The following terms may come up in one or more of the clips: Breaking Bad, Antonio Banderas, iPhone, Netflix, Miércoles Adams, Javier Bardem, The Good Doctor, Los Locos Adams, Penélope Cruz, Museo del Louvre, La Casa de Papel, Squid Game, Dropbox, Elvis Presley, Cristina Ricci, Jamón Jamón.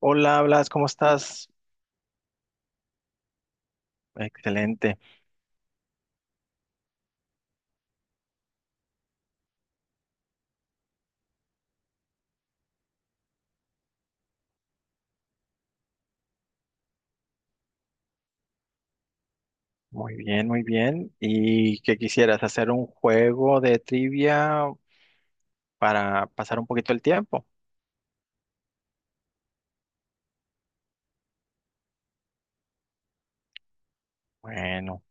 Hola, Blas, ¿cómo estás? Excelente, muy bien, muy bien. ¿Y qué quisieras? ¿Hacer un juego de trivia para pasar un poquito el tiempo? Bueno,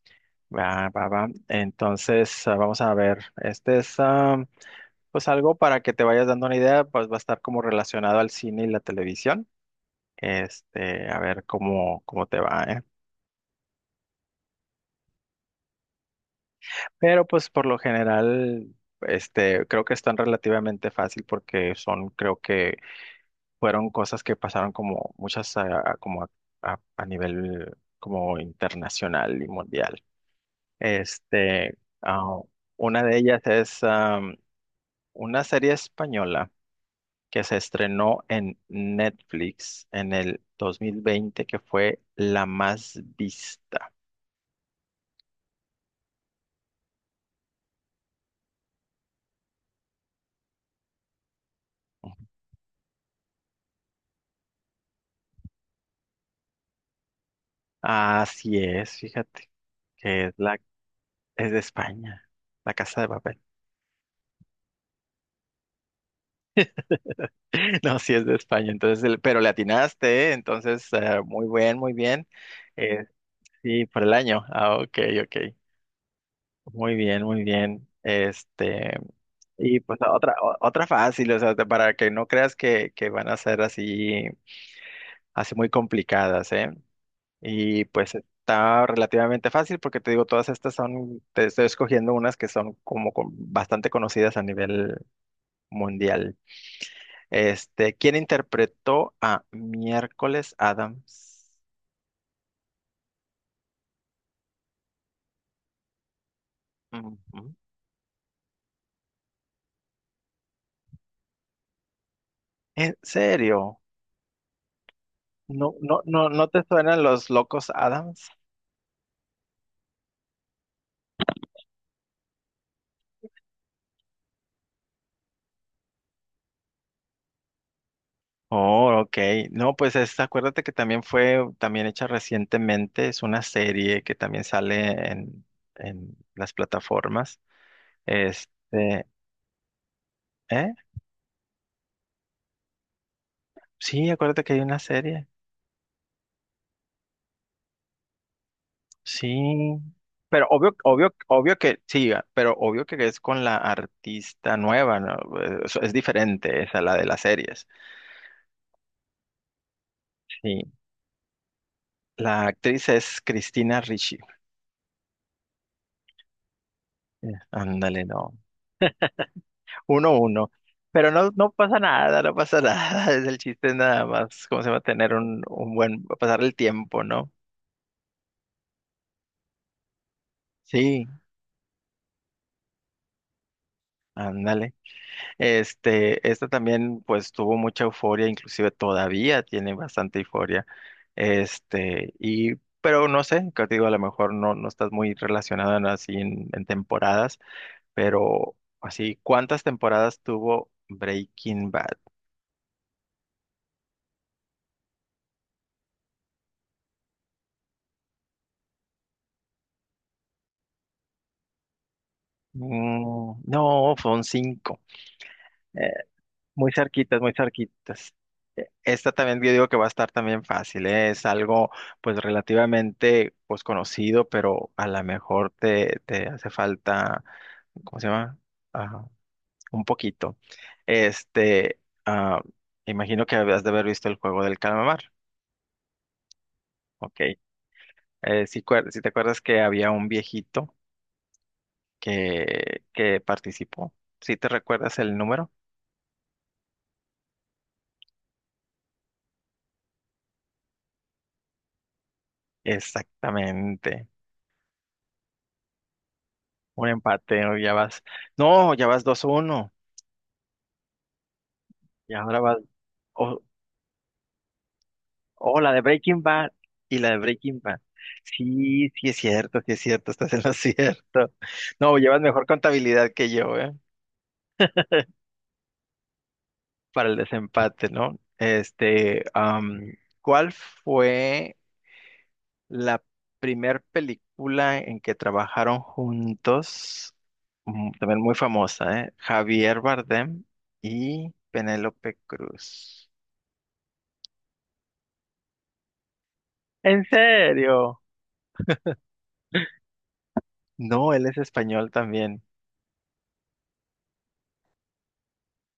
va, va, va. Entonces, vamos a ver. Este es, pues algo para que te vayas dando una idea, pues va a estar como relacionado al cine y la televisión. Este, a ver cómo te va, ¿eh? Pero pues por lo general, este, creo que están relativamente fácil porque son, creo que fueron cosas que pasaron como muchas a nivel como internacional y mundial. Este, ah, una de ellas es una serie española que se estrenó en Netflix en el 2020 que fue la más vista. Así es, fíjate, que es la es de España, La Casa de Papel. No, sí es de España, entonces, pero le atinaste, ¿eh? Entonces, muy bien, muy bien. Sí, por el año. Ok, ok. Muy bien, muy bien. Este, y pues otra, otra fácil, o sea, para que no creas que van a ser así, así muy complicadas, ¿eh? Y pues está relativamente fácil porque te digo, todas estas son, te estoy escogiendo unas que son como bastante conocidas a nivel mundial. Este, ¿quién interpretó a Miércoles Adams? Ujú. ¿En serio? No, no, no, ¿no te suenan los Locos Adams? Oh, ok. No, pues es, acuérdate que también fue, también hecha recientemente, es una serie que también sale en las plataformas. Este, ¿eh? Sí, acuérdate que hay una serie. Sí. Pero obvio, obvio, obvio que, sí, pero obvio que es con la artista nueva, ¿no? Es diferente esa, la de las series. Sí. La actriz es Cristina Ricci. Ándale, no. 1-1. Pero no, no pasa nada, no pasa nada. Es el chiste nada más, ¿cómo se va a tener un buen, pasar el tiempo, ¿no? Sí, ándale. Este, esta también, pues, tuvo mucha euforia, inclusive todavía tiene bastante euforia. Este, y, pero no sé, que te digo, a lo mejor no estás muy relacionado en temporadas, pero así, ¿cuántas temporadas tuvo Breaking Bad? Mm, no, fueron cinco. Muy cerquitas, muy cerquitas. Esta también yo digo que va a estar también fácil, ¿eh? Es algo pues relativamente pues conocido, pero a lo mejor te hace falta, ¿cómo se llama? Ah, un poquito. Este, ah, imagino que habías de haber visto el juego del calamar, ¿ok? Si te acuerdas que había un viejito que participó, ¿si te recuerdas el número? Exactamente. Un empate, o ya vas. No, ya vas 2 uno. Y ahora vas. Oh, oh, la de Breaking Bad. Y la de Breaking Bad. Sí, sí es cierto, estás en lo cierto. No, llevas mejor contabilidad que yo, ¿eh? Para el desempate, ¿no? Este, ¿cuál fue la primer película en que trabajaron juntos? Mm, también muy famosa, ¿eh? Javier Bardem y Penélope Cruz. ¿En serio? No, él es español también.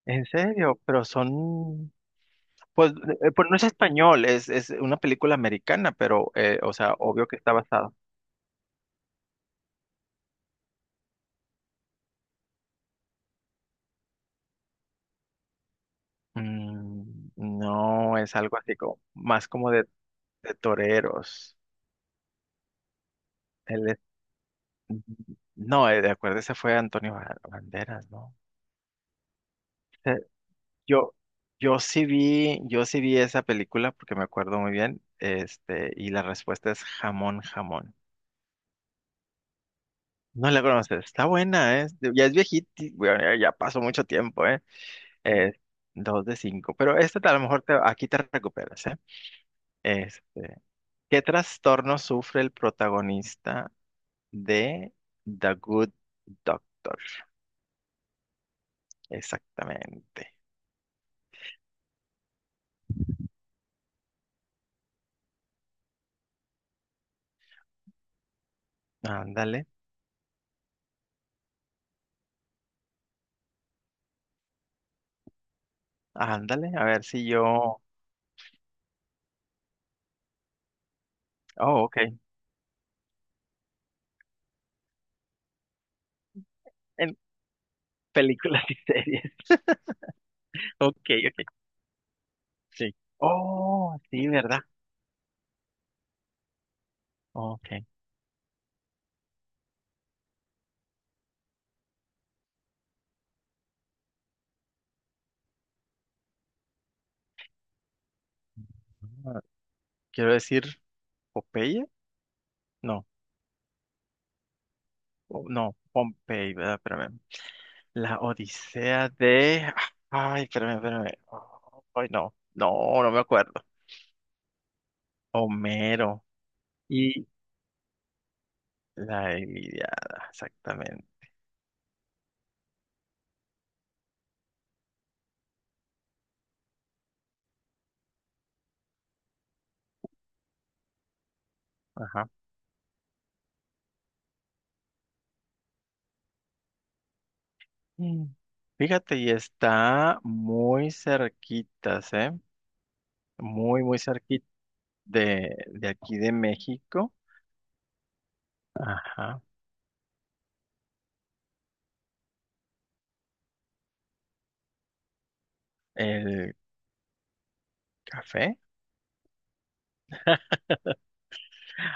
¿En serio? Pero son, pues, pues no es español, es una película americana, pero, o sea, obvio que está basado. Mm, no, es algo así como, más como de toreros. Él es, no, de acuerdo, ese fue Antonio Banderas, ¿no? Eh, Yo, yo sí vi esa película porque me acuerdo muy bien, este, y la respuesta es jamón, jamón. No la conoces, está buena, ¿eh? Ya es viejita, bueno, ya ya pasó mucho tiempo, ¿eh? Eh, dos de cinco, pero esta a lo mejor aquí te recuperas, ¿eh? Este, ¿qué trastorno sufre el protagonista de The Good Doctor? Exactamente. Ándale, ándale, a ver si yo... Oh, ok. En películas y series. Ok, ok, sí. Oh, sí, ¿verdad? Ok. Ah, Quiero decir, Popeye, no. No, Pompey, ¿verdad? Espérame. La Odisea de... Ay, espérame, espérame. Ay, no, no, no me acuerdo. Homero y la Ilíada, exactamente. Ajá. Mm. Fíjate, y está muy cerquitas, ¿eh? Muy, muy cerquita de aquí de México. Ajá. El café.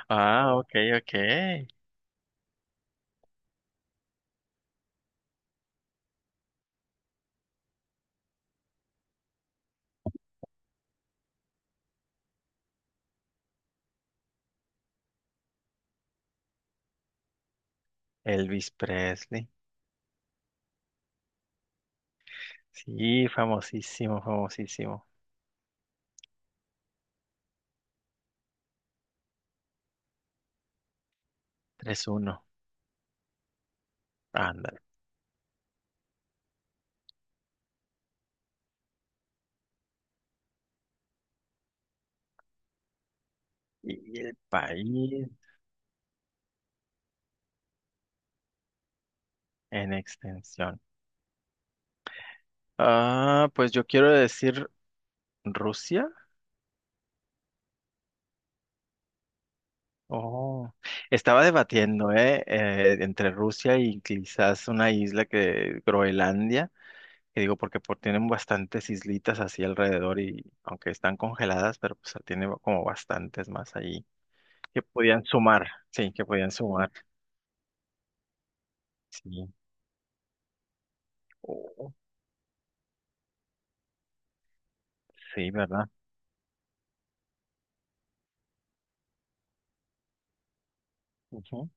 Ok, ok. Elvis Presley. Sí, famosísimo, famosísimo. 3-1. Ándale. Y el país en extensión. Pues yo quiero decir Rusia. Oh, estaba debatiendo, ¿eh? Entre Rusia y quizás una isla que, Groenlandia, que digo porque por, tienen bastantes islitas así alrededor y aunque están congeladas, pero pues tiene como bastantes más ahí que podían sumar, sí, que podían sumar, sí. Oh, sí, ¿verdad? Ujú.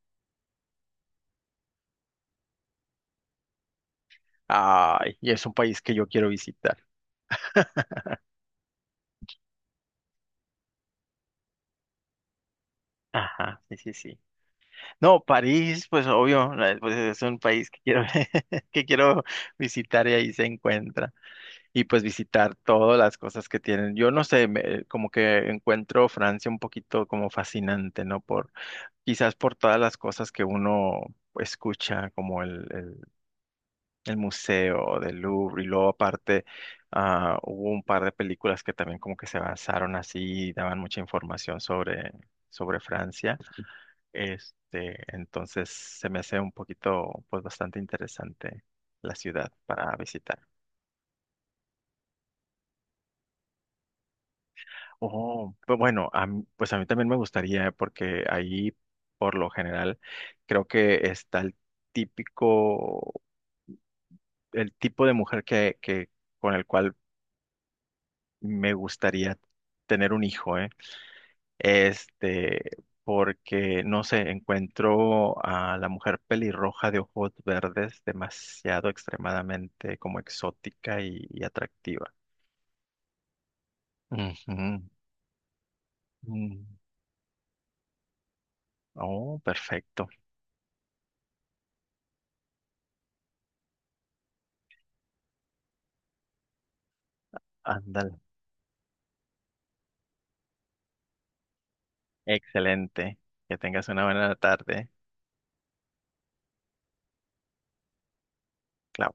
Ay, y es un país que yo quiero visitar. Ajá, sí, sí, sí. No, París, pues obvio, pues es un país que quiero, que quiero visitar y ahí se encuentra. Y pues visitar todas las cosas que tienen. Yo no sé, como que encuentro Francia un poquito como fascinante, ¿no? Quizás por todas las cosas que uno escucha, como el Museo del Louvre, y luego aparte, hubo un par de películas que también como que se basaron así y daban mucha información sobre Francia. Este, entonces se me hace un poquito, pues bastante interesante la ciudad para visitar. Oh, pues bueno, pues a mí también me gustaría porque ahí, por lo general, creo que está el típico, el tipo de mujer que, con el cual me gustaría tener un hijo, ¿eh? Este, porque, no sé, encuentro a la mujer pelirroja de ojos verdes demasiado extremadamente como exótica y atractiva. Ujú. Mm. Oh, perfecto. Ándale. Excelente. Que tengas una buena tarde. Clau.